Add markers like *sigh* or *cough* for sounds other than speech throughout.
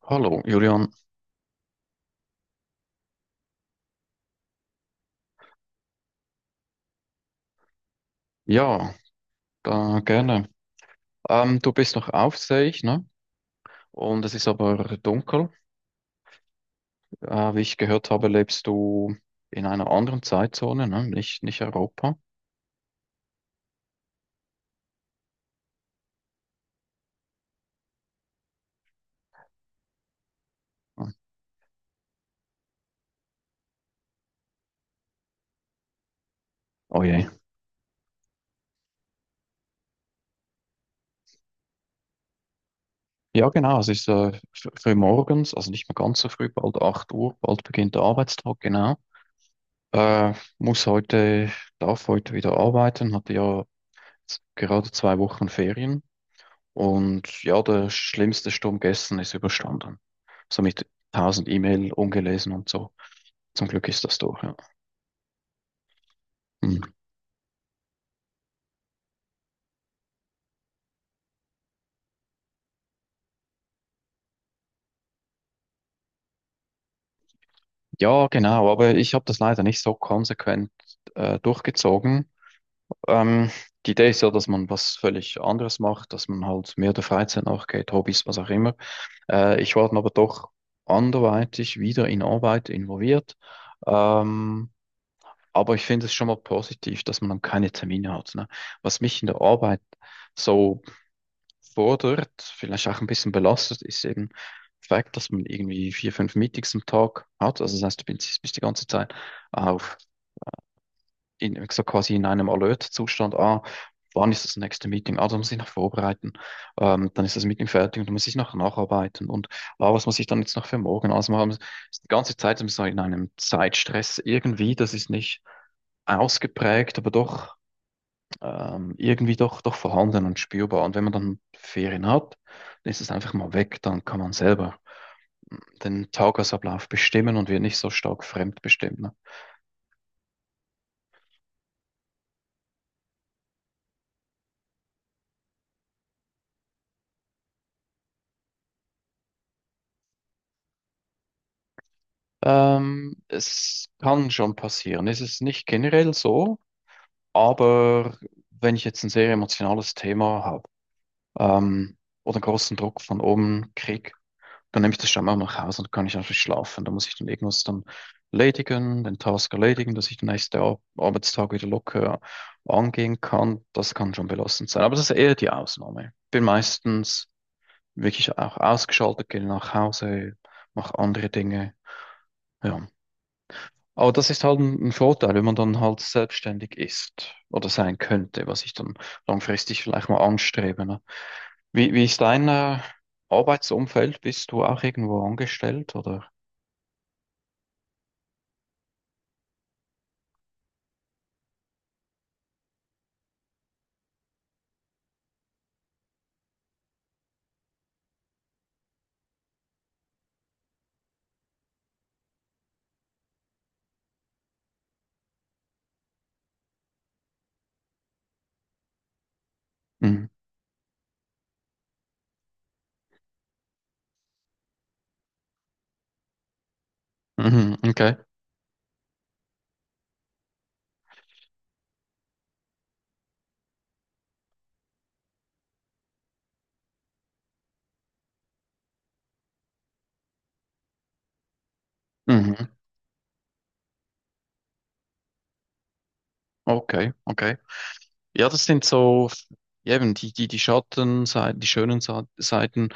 Hallo, Julian. Ja, da, gerne. Du bist noch auf, sehe ich, ne? Und es ist aber dunkel. Wie ich gehört habe, lebst du in einer anderen Zeitzone, ne? Nicht, nicht Europa. Oh je. Ja, genau. Es ist früh morgens, also nicht mehr ganz so früh, bald 8 Uhr, bald beginnt der Arbeitstag, genau. Äh, Muss heute, darf heute wieder arbeiten, hatte ja jetzt gerade 2 Wochen Ferien. Und ja, der schlimmste Sturm gestern ist überstanden. So mit 1000 E-Mail ungelesen und so. Zum Glück ist das durch, ja. Hm. Ja, genau, aber ich habe das leider nicht so konsequent durchgezogen. Ähm, Die Idee ist ja, dass man was völlig anderes macht, dass man halt mehr der Freizeit nachgeht, Hobbys, was auch immer. Ich war dann aber doch anderweitig wieder in Arbeit involviert. Ähm, aber ich finde es schon mal positiv, dass man dann keine Termine hat. Ne? Was mich in der Arbeit so fordert, vielleicht auch ein bisschen belastet, ist eben der Fakt, dass man irgendwie vier, fünf Meetings am Tag hat. Also das heißt, du bist die ganze Zeit auf, in, so quasi in einem Alert-Zustand. Ah, wann ist das nächste Meeting? Ah, da muss ich noch vorbereiten. Dann ist das Meeting fertig und dann muss ich noch nacharbeiten. Und ah, was muss ich dann jetzt noch für morgen ausmachen? Also ist die ganze Zeit so in einem Zeitstress irgendwie. Das ist nicht ausgeprägt, aber doch irgendwie doch vorhanden und spürbar. Und wenn man dann Ferien hat, dann ist es einfach mal weg, dann kann man selber den Tagesablauf bestimmen und wird nicht so stark fremdbestimmt. Ne? Es kann schon passieren. Es ist nicht generell so, aber wenn ich jetzt ein sehr emotionales Thema habe, ähm, oder einen großen Druck von oben kriege, dann nehme ich das schon auch nach Hause und kann ich einfach schlafen. Da muss ich dann irgendwas dann erledigen, den Task erledigen, dass ich den nächsten Arbeitstag wieder locker angehen kann. Das kann schon belastend sein. Aber das ist eher die Ausnahme. Bin meistens wirklich auch ausgeschaltet, gehe nach Hause, mache andere Dinge. Ja. Aber das ist halt ein Vorteil, wenn man dann halt selbstständig ist oder sein könnte, was ich dann langfristig vielleicht mal anstrebe. Ne? Wie ist dein Arbeitsumfeld? Bist du auch irgendwo angestellt oder? Mhm. Mhm. Okay. Mhm. Okay, okay. Ja, das sind so, ja, eben die Schattenseiten, die schönen Seiten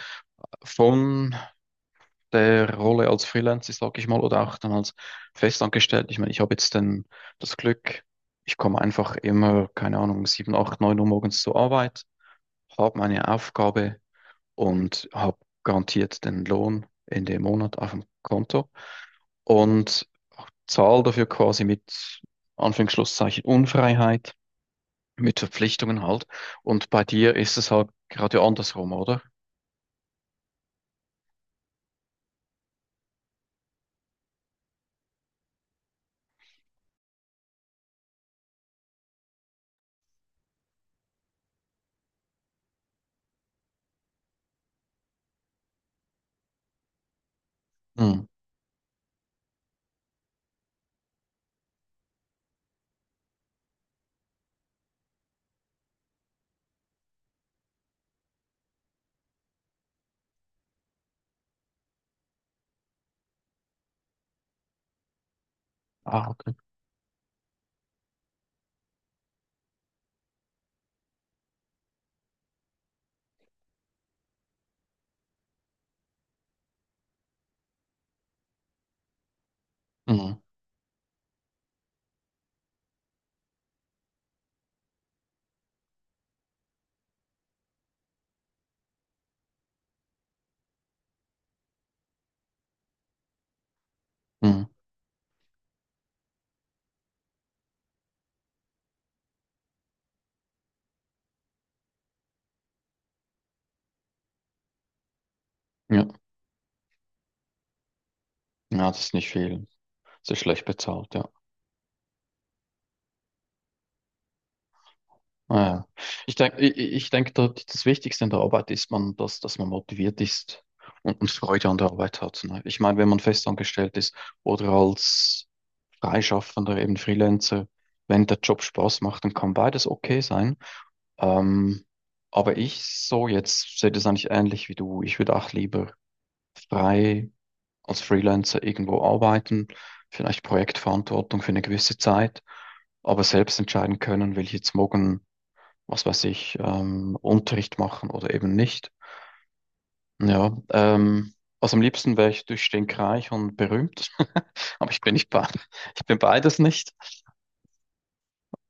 von der Rolle als Freelancer, sag ich mal, oder auch dann als festangestellt. Ich meine, ich habe jetzt dann das Glück, ich komme einfach immer, keine Ahnung, 7 8 9 Uhr morgens zur Arbeit, habe meine Aufgabe, und habe garantiert den Lohn Ende Monat auf dem Konto und zahle dafür quasi mit Anführungsschlusszeichen Unfreiheit, mit Verpflichtungen halt. Und bei dir ist es halt gerade andersrum, oder? Hm. Ah, okay. Hm. Hm. Ja. Ja, das ist nicht viel. Das ist schlecht bezahlt, ja. Ah, ja. Ich denke, das Wichtigste in der Arbeit ist man, dass man motiviert ist und Freude an der Arbeit hat. Ne? Ich meine, wenn man festangestellt ist oder als Freischaffender, eben Freelancer, wenn der Job Spaß macht, dann kann beides okay sein. Ähm, aber ich so jetzt sehe das eigentlich ähnlich wie du. Ich würde auch lieber frei als Freelancer irgendwo arbeiten, vielleicht Projektverantwortung für eine gewisse Zeit, aber selbst entscheiden können, will ich jetzt morgen, was weiß ich, Unterricht machen oder eben nicht. Ja, also am liebsten wäre ich durchstinkreich und berühmt, *laughs* aber ich bin nicht be ich bin beides nicht.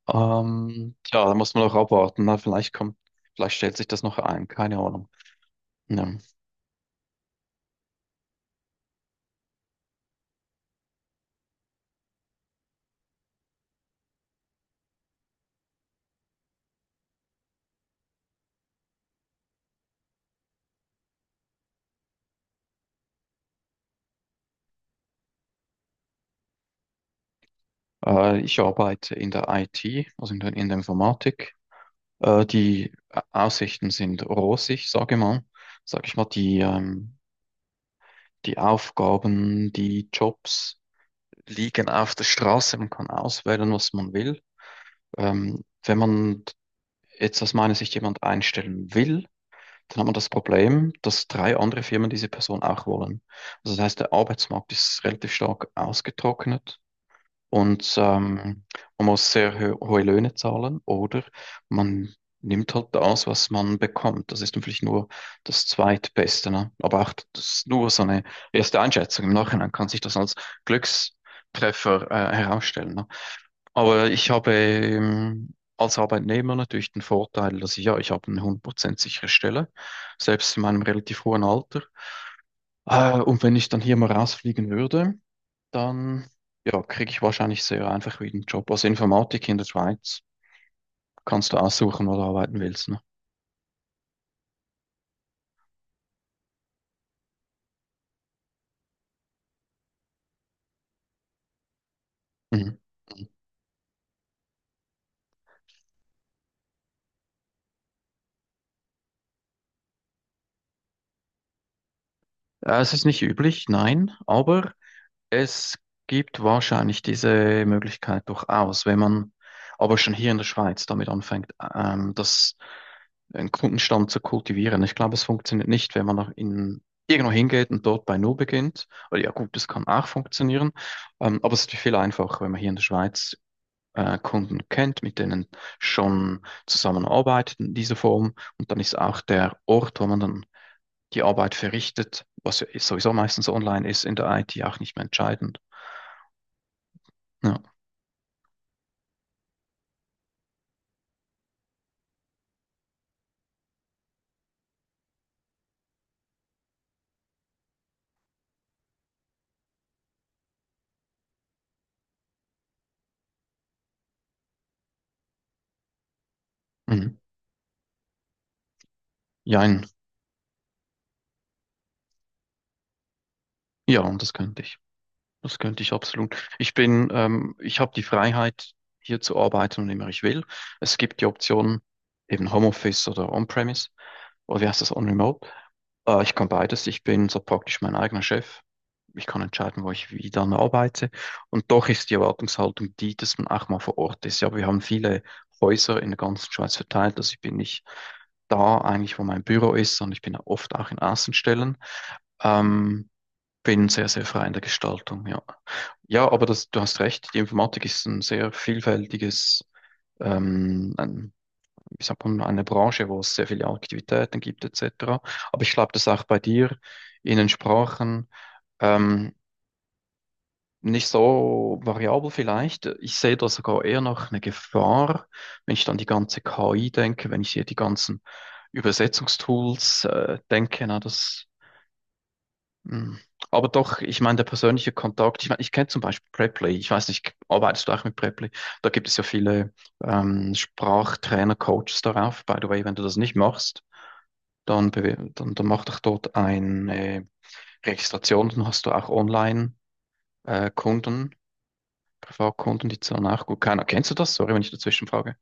Tja, da muss man noch abwarten. Na, vielleicht kommt, vielleicht stellt sich das noch ein, keine Ahnung. Ja. Ich arbeite in der IT, also in der Informatik. Die Aussichten sind rosig, sage mal. Sag ich mal, die Aufgaben, die Jobs liegen auf der Straße. Man kann auswählen, was man will. Wenn man jetzt aus meiner Sicht jemand einstellen will, dann haben wir das Problem, dass drei andere Firmen diese Person auch wollen. Also das heißt, der Arbeitsmarkt ist relativ stark ausgetrocknet und man muss sehr hohe Löhne zahlen oder man nimmt halt das, was man bekommt. Das ist natürlich nur das Zweitbeste, ne? Aber auch das ist nur so eine erste Einschätzung. Im Nachhinein kann sich das als Glückstreffer herausstellen. Ne? Aber ich habe, als Arbeitnehmer natürlich den Vorteil, dass ich, ja, ich habe eine 100% sichere Stelle, selbst in meinem relativ hohen Alter. Und wenn ich dann hier mal rausfliegen würde, dann, ja, kriege ich wahrscheinlich sehr einfach wieder einen Job. Also Informatik in der Schweiz kannst du aussuchen, wo du arbeiten willst. Ne? Mhm. Es ist nicht üblich, nein, aber es gibt wahrscheinlich diese Möglichkeit durchaus, wenn man aber schon hier in der Schweiz damit anfängt, das einen Kundenstamm zu kultivieren. Ich glaube, es funktioniert nicht, wenn man noch in irgendwo hingeht und dort bei Null beginnt. Oder ja gut, das kann auch funktionieren. Aber es ist natürlich viel einfacher, wenn man hier in der Schweiz Kunden kennt, mit denen schon zusammenarbeitet in dieser Form. Und dann ist auch der Ort, wo man dann die Arbeit verrichtet, was ja sowieso meistens online ist, in der IT auch nicht mehr entscheidend. Ja, mhm. Jein. Ja, und das könnte ich. Das könnte ich absolut. Ich habe die Freiheit, hier zu arbeiten, wann immer ich will. Es gibt die Option, eben Homeoffice oder On-Premise. Oder wie heißt das, On-Remote? Ich kann beides. Ich bin so praktisch mein eigener Chef. Ich kann entscheiden, wo ich wie dann arbeite. Und doch ist die Erwartungshaltung die, dass man auch mal vor Ort ist. Ja, wir haben viele Häuser in der ganzen Schweiz verteilt. Also ich bin nicht da eigentlich, wo mein Büro ist, sondern ich bin oft auch in Außenstellen. Ähm, Bin sehr, sehr frei in der Gestaltung, ja. Ja, aber das, du hast recht, die Informatik ist ein sehr vielfältiges, ein, wie sagt man, eine Branche, wo es sehr viele Aktivitäten gibt, etc. Aber ich glaube, das ist auch bei dir in den Sprachen ähm, nicht so variabel vielleicht. Ich sehe da sogar eher noch eine Gefahr, wenn ich dann die ganze KI denke, wenn ich hier die ganzen Übersetzungstools denke, na, das. Mm. Aber doch, ich meine, der persönliche Kontakt, ich meine, ich kenne zum Beispiel Preply, ich weiß nicht, arbeitest du auch mit Preply? Da gibt es ja viele Sprachtrainer, Coaches darauf. By the way, wenn du das nicht machst, dann, dann mach doch dort eine Registration, dann hast du auch Online-Kunden, Privatkunden, die zahlen auch gut. Keiner, kennst du das? Sorry, wenn ich dazwischen frage.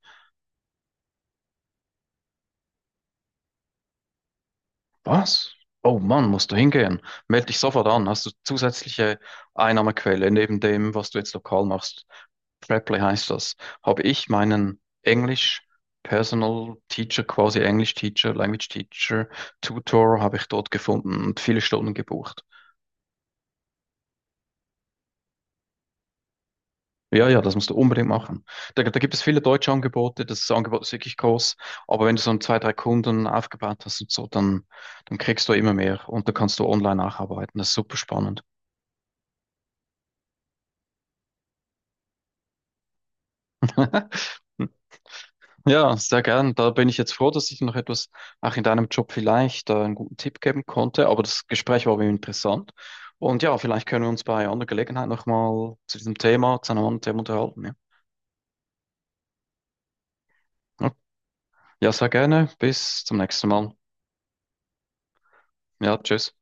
Was? Oh Mann, musst du hingehen. Meld dich sofort an. Hast du zusätzliche Einnahmequelle neben dem, was du jetzt lokal machst? Preply heißt das. Habe ich meinen Englisch Personal Teacher, quasi English Teacher, Language Teacher, Tutor habe ich dort gefunden und viele Stunden gebucht. Ja, ja, das musst du unbedingt machen. Da, da gibt es viele deutsche Angebote, das Angebot ist wirklich groß, aber wenn du so ein, zwei, drei Kunden aufgebaut hast und so, dann, dann kriegst du immer mehr und da kannst du online nacharbeiten. Das ist super spannend. *laughs* Ja, sehr gern. Da bin ich jetzt froh, dass ich noch etwas auch in deinem Job vielleicht einen guten Tipp geben konnte. Aber das Gespräch war mir interessant. Und ja, vielleicht können wir uns bei anderer Gelegenheit nochmal zu diesem Thema, zu einem anderen Thema unterhalten. Ja, ja, sehr gerne. Bis zum nächsten Mal. Ja, tschüss.